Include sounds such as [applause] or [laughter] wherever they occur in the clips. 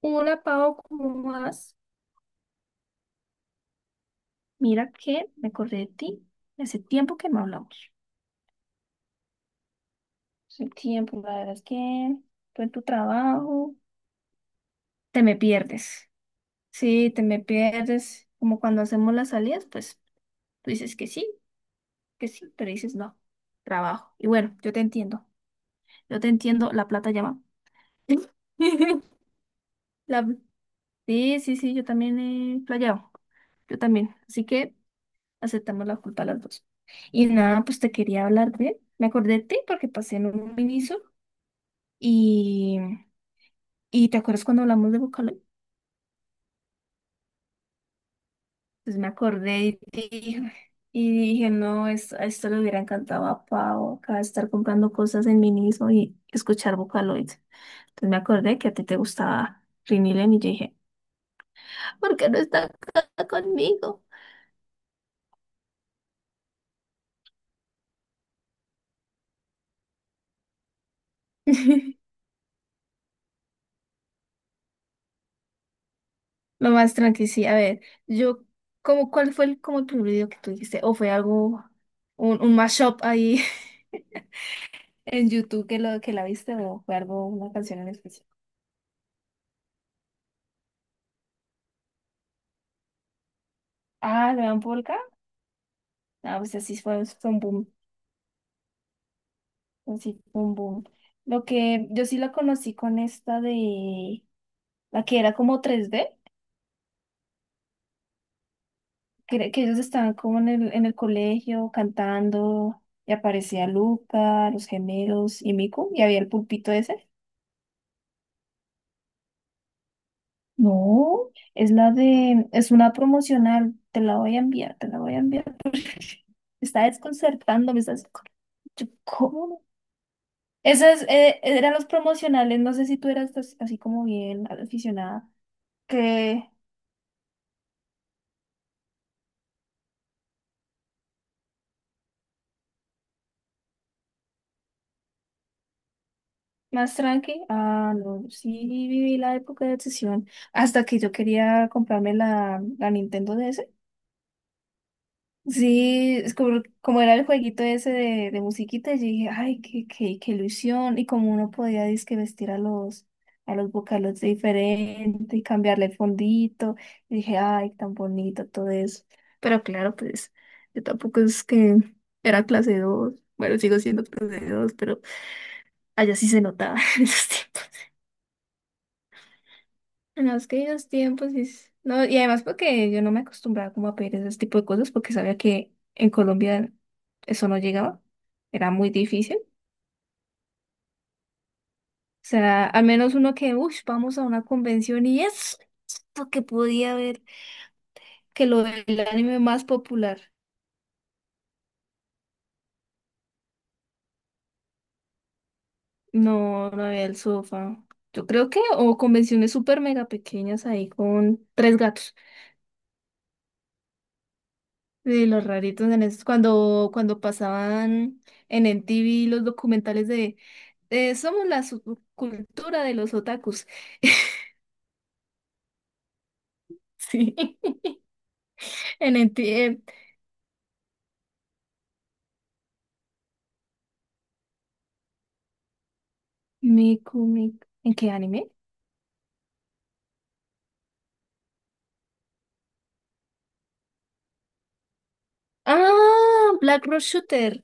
Hola, Pau, ¿cómo vas? Mira que me acordé de ti. Hace tiempo que no hablamos. Hace tiempo, la verdad es que tú en tu trabajo, te me pierdes. Sí, te me pierdes, como cuando hacemos las salidas. Pues tú dices que sí, pero dices no, trabajo. Y bueno, yo te entiendo, la plata llama. [laughs] La- Sí, sí, sí, yo también he playado, yo también. Así que aceptamos la culpa las dos. Y nada, pues te quería hablar de, me acordé de ti porque pasé en un miniso y, y ¿te acuerdas cuando hablamos de Vocaloid? Pues me acordé de ti y dije, no, a esto le hubiera encantado a Pau, acá estar comprando cosas en miniso y escuchar Vocaloid. Entonces me acordé que a ti te gustaba Rini Len y yo dije, ¿por qué no está acá conmigo? [laughs] Lo más tranqui, sí. A ver, yo, ¿cómo, cuál fue el, como el primer video que tú dijiste? ¿O fue algo, un mashup ahí [laughs] en YouTube que lo que la viste? ¿O fue algo, una canción en especial? Ah, ¿le dan Polka? Ah, pues así fue, fue un boom. Así fue un boom. Lo que yo sí la conocí con esta de, la que era como tres d, que, que ellos estaban como en el colegio cantando y aparecía Luca, los gemelos y Miku, y había el pulpito ese. No, es la de, es una promocional, te la voy a enviar, te la voy a enviar. Me está desconcertando, me está yo, ¿cómo? Esas eran los promocionales, no sé si tú eras así como bien aficionada, que más tranqui. Ah, no, sí viví la época de obsesión, hasta que yo quería comprarme la Nintendo DS. Sí, es como, como era el jueguito ese de musiquita, yo dije, ay, qué ilusión. Y como uno podía dizque vestir a los vocaloids diferente y cambiarle el fondito, y dije, ay, tan bonito todo eso. Pero claro, pues yo tampoco es que era clase dos. Bueno, sigo siendo clase dos, pero allá sí se notaba [laughs] en esos tiempos. En los queridos tiempos, y, no, y además porque yo no me acostumbraba como a pedir ese tipo de cosas porque sabía que en Colombia eso no llegaba, era muy difícil. O sea, al menos uno que, uff, vamos a una convención y es lo que podía ver, que lo del anime más popular. No, no había el sofá. Yo creo que, o convenciones súper mega pequeñas ahí con tres gatos. Sí, los raritos en esos, cuando pasaban en MTV los documentales de somos la subcultura de los otakus. [laughs] Sí, en MTV. Miku, Miku. ¿En qué anime? Ah, Black Rose Shooter.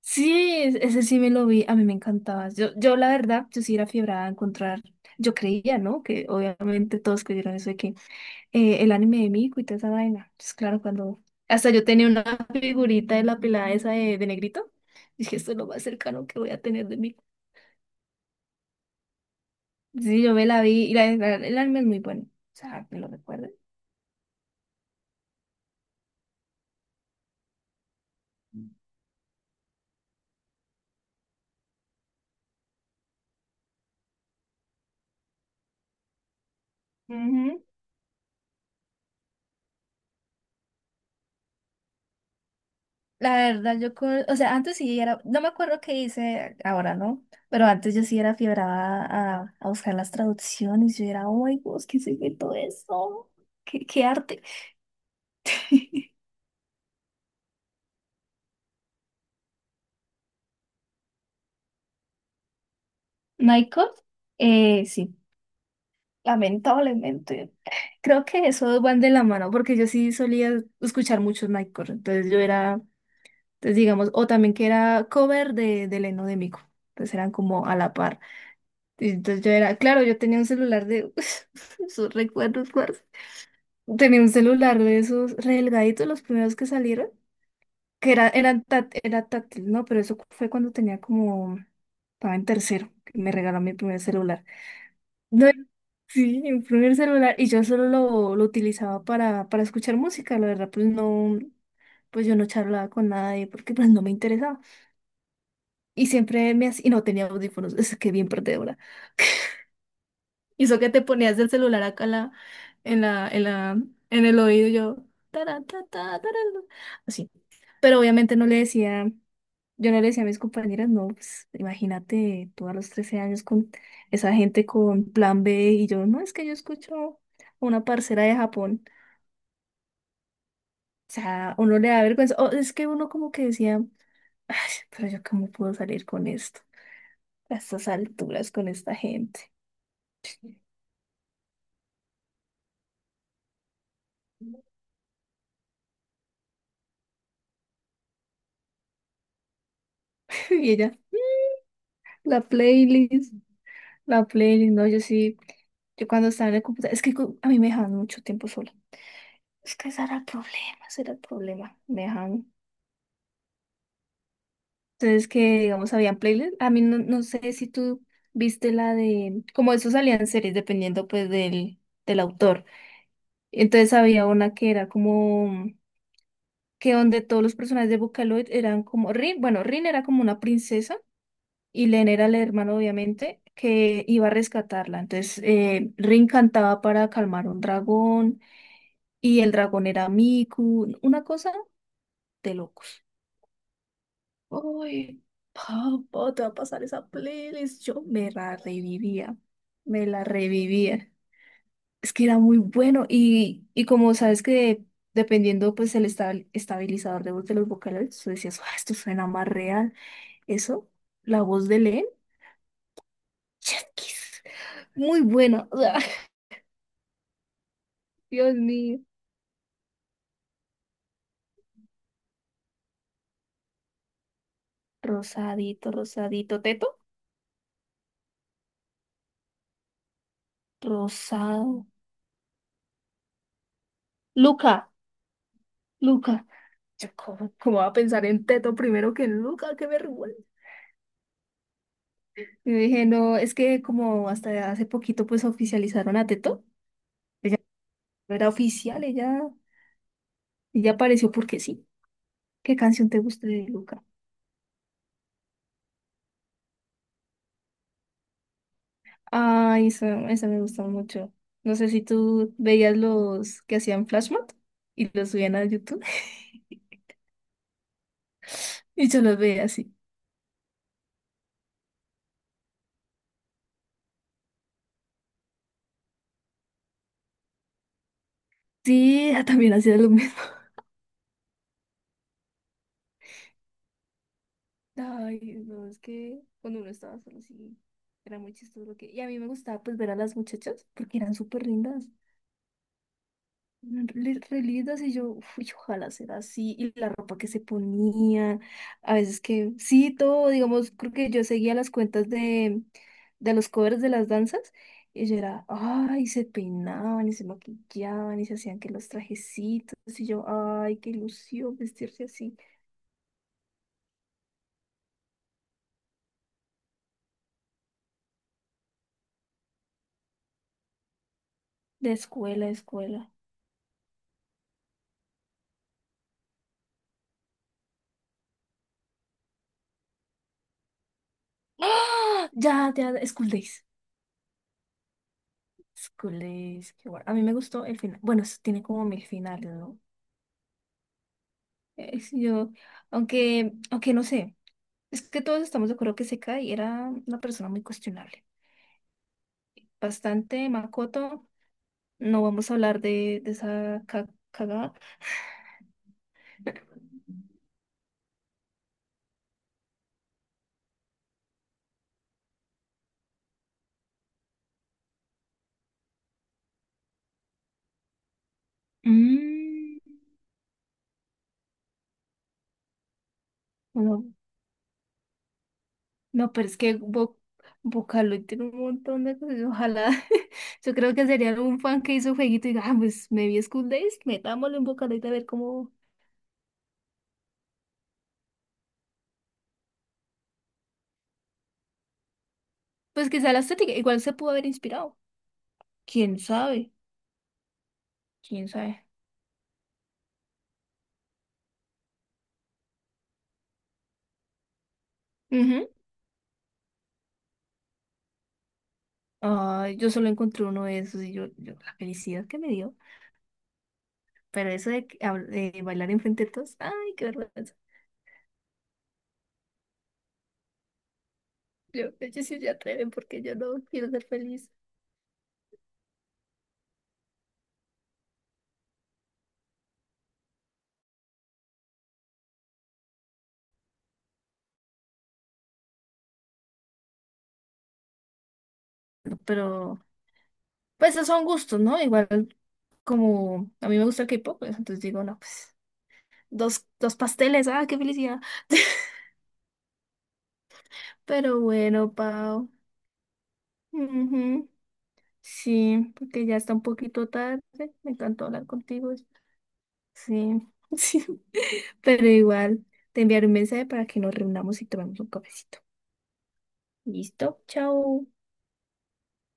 Sí, ese sí me lo vi. A mí me encantaba. Yo la verdad, yo sí era fiebrada a encontrar. Yo creía, ¿no? Que obviamente todos creyeron eso de que el anime de Miku y toda esa vaina. Pues claro, cuando hasta yo tenía una figurita de la pelada esa de negrito, dije, esto es lo más cercano que voy a tener de Miku. Sí, yo me la vi y la, el anime es muy bueno. O sea, me lo recuerdo. Ujú. La verdad, yo, o sea, antes sí era, no me acuerdo qué hice ahora, ¿no? Pero antes yo sí era fiebrada a buscar las traducciones, yo era, oh my Dios, ¿qué se inventó eso? Qué arte? [laughs] Michael, sí. Lamentablemente. Creo que eso van de la mano, porque yo sí solía escuchar muchos Nightcore. Entonces yo era, entonces digamos, o también que era cover de Leno de Mico. Entonces eran como a la par. Y entonces yo era, claro, yo tenía un celular de [laughs] sus recuerdos, parce. Tenía un celular de esos re delgaditos, los primeros que salieron, que era, eran era táctil, ¿no? Pero eso fue cuando tenía como, estaba en tercero, que me regaló mi primer celular. No, sí, mi primer celular, y yo solo lo utilizaba para escuchar música, la verdad. Pues no, pues yo no charlaba con nadie porque pues no me interesaba. Y siempre me hacía, y no tenía audífonos, es que bien perdedora. Y eso que te ponías el celular acá en en la, en la, en el oído, yo, taran, ta, ta, taran, así. Pero obviamente no le decía. Yo no le decía a mis compañeras, no, pues imagínate tú a los 13 años con esa gente con plan B, y yo, no, es que yo escucho a una parcera de Japón. O sea, uno le da vergüenza. O es que uno como que decía, "Ay, pero yo cómo puedo salir con esto, a estas alturas con esta gente". [laughs] Y ella, la playlist, la playlist, no, yo sí, yo cuando estaba en el computador, es que a mí me dejaban mucho tiempo sola. Es que ese era el problema, ese era el problema. Me dejaban. Entonces, que digamos, habían playlists. A mí no, no sé si tú viste la de, como eso salían series, dependiendo pues del, del autor. Entonces había una que era como, que donde todos los personajes de Vocaloid eran como, Rin, bueno, Rin era como una princesa y Len era el hermano, obviamente, que iba a rescatarla. Entonces, Rin cantaba para calmar a un dragón y el dragón era Miku, una cosa de locos. Uy, papá, te va a pasar esa playlist. Yo me la revivía, me la revivía. Es que era muy bueno, y como sabes que dependiendo pues el estabilizador de voz de los vocales, tú decías, "Ah, esto suena más real". Eso, la voz de Len, chasquis, muy buena, o sea. [laughs] Dios mío. Teto, rosado. Luca, Luca. Yo, ¿cómo, cómo va a pensar en Teto primero que en Luca? ¡Qué vergüenza! Yo dije, no, es que como hasta hace poquito pues oficializaron a Teto, ella no era oficial, ella apareció porque sí. ¿Qué canción te gusta de Luca? Ay, esa me gusta mucho. No sé si tú veías los que hacían Flashmob y los subían a YouTube [laughs] y yo los veía así. Sí, ella también hacía lo mismo. [laughs] Ay, no, es que cuando uno estaba solo sí, era muy chistoso lo que… Y a mí me gustaba pues ver a las muchachas porque eran súper lindas. Re re lindas, y yo, uy, ojalá sea así, y la ropa que se ponía, a veces que, sí, todo, digamos, creo que yo seguía las cuentas de los covers de las danzas, y yo era, ay, se peinaban y se maquillaban y se hacían que los trajecitos, y yo, ay, qué ilusión vestirse así, de escuela a escuela. ¡Ah! Ya, ya, School Days. School Days, qué bueno. A mí me gustó el final. Bueno, eso tiene como mil finales, ¿no? Yo, aunque, aunque no sé. Es que todos estamos de acuerdo que Sekai era una persona muy cuestionable. Bastante, Makoto. No vamos a hablar de esa cagada. Mm, bueno, no, pero es que Bo Vocaloid tiene un montón de cosas. Ojalá. [laughs] Yo creo que sería algún fan que hizo jueguito y diga, ah, pues me vi School Days, metámoslo en Vocaloid a ver cómo. Pues quizá la estética, igual se pudo haber inspirado. Quién sabe, quién sabe. Ujú. Ay, yo solo encontré uno de esos, y yo la felicidad que me dio. Pero eso de, que de bailar enfrente de todos, ay, qué vergüenza. Yo, ellos sí se atreven porque yo no quiero ser feliz. Pero, pues, esos son gustos, ¿no? Igual, como a mí me gusta el K-pop, pues, entonces digo, no, pues, dos pasteles, ah, qué felicidad. [laughs] Pero bueno, Pau. Ujú, sí, porque ya está un poquito tarde. Me encantó hablar contigo. Sí, [laughs] sí. Pero igual, te enviaré un mensaje para que nos reunamos y tomemos un cafecito. Listo, chao.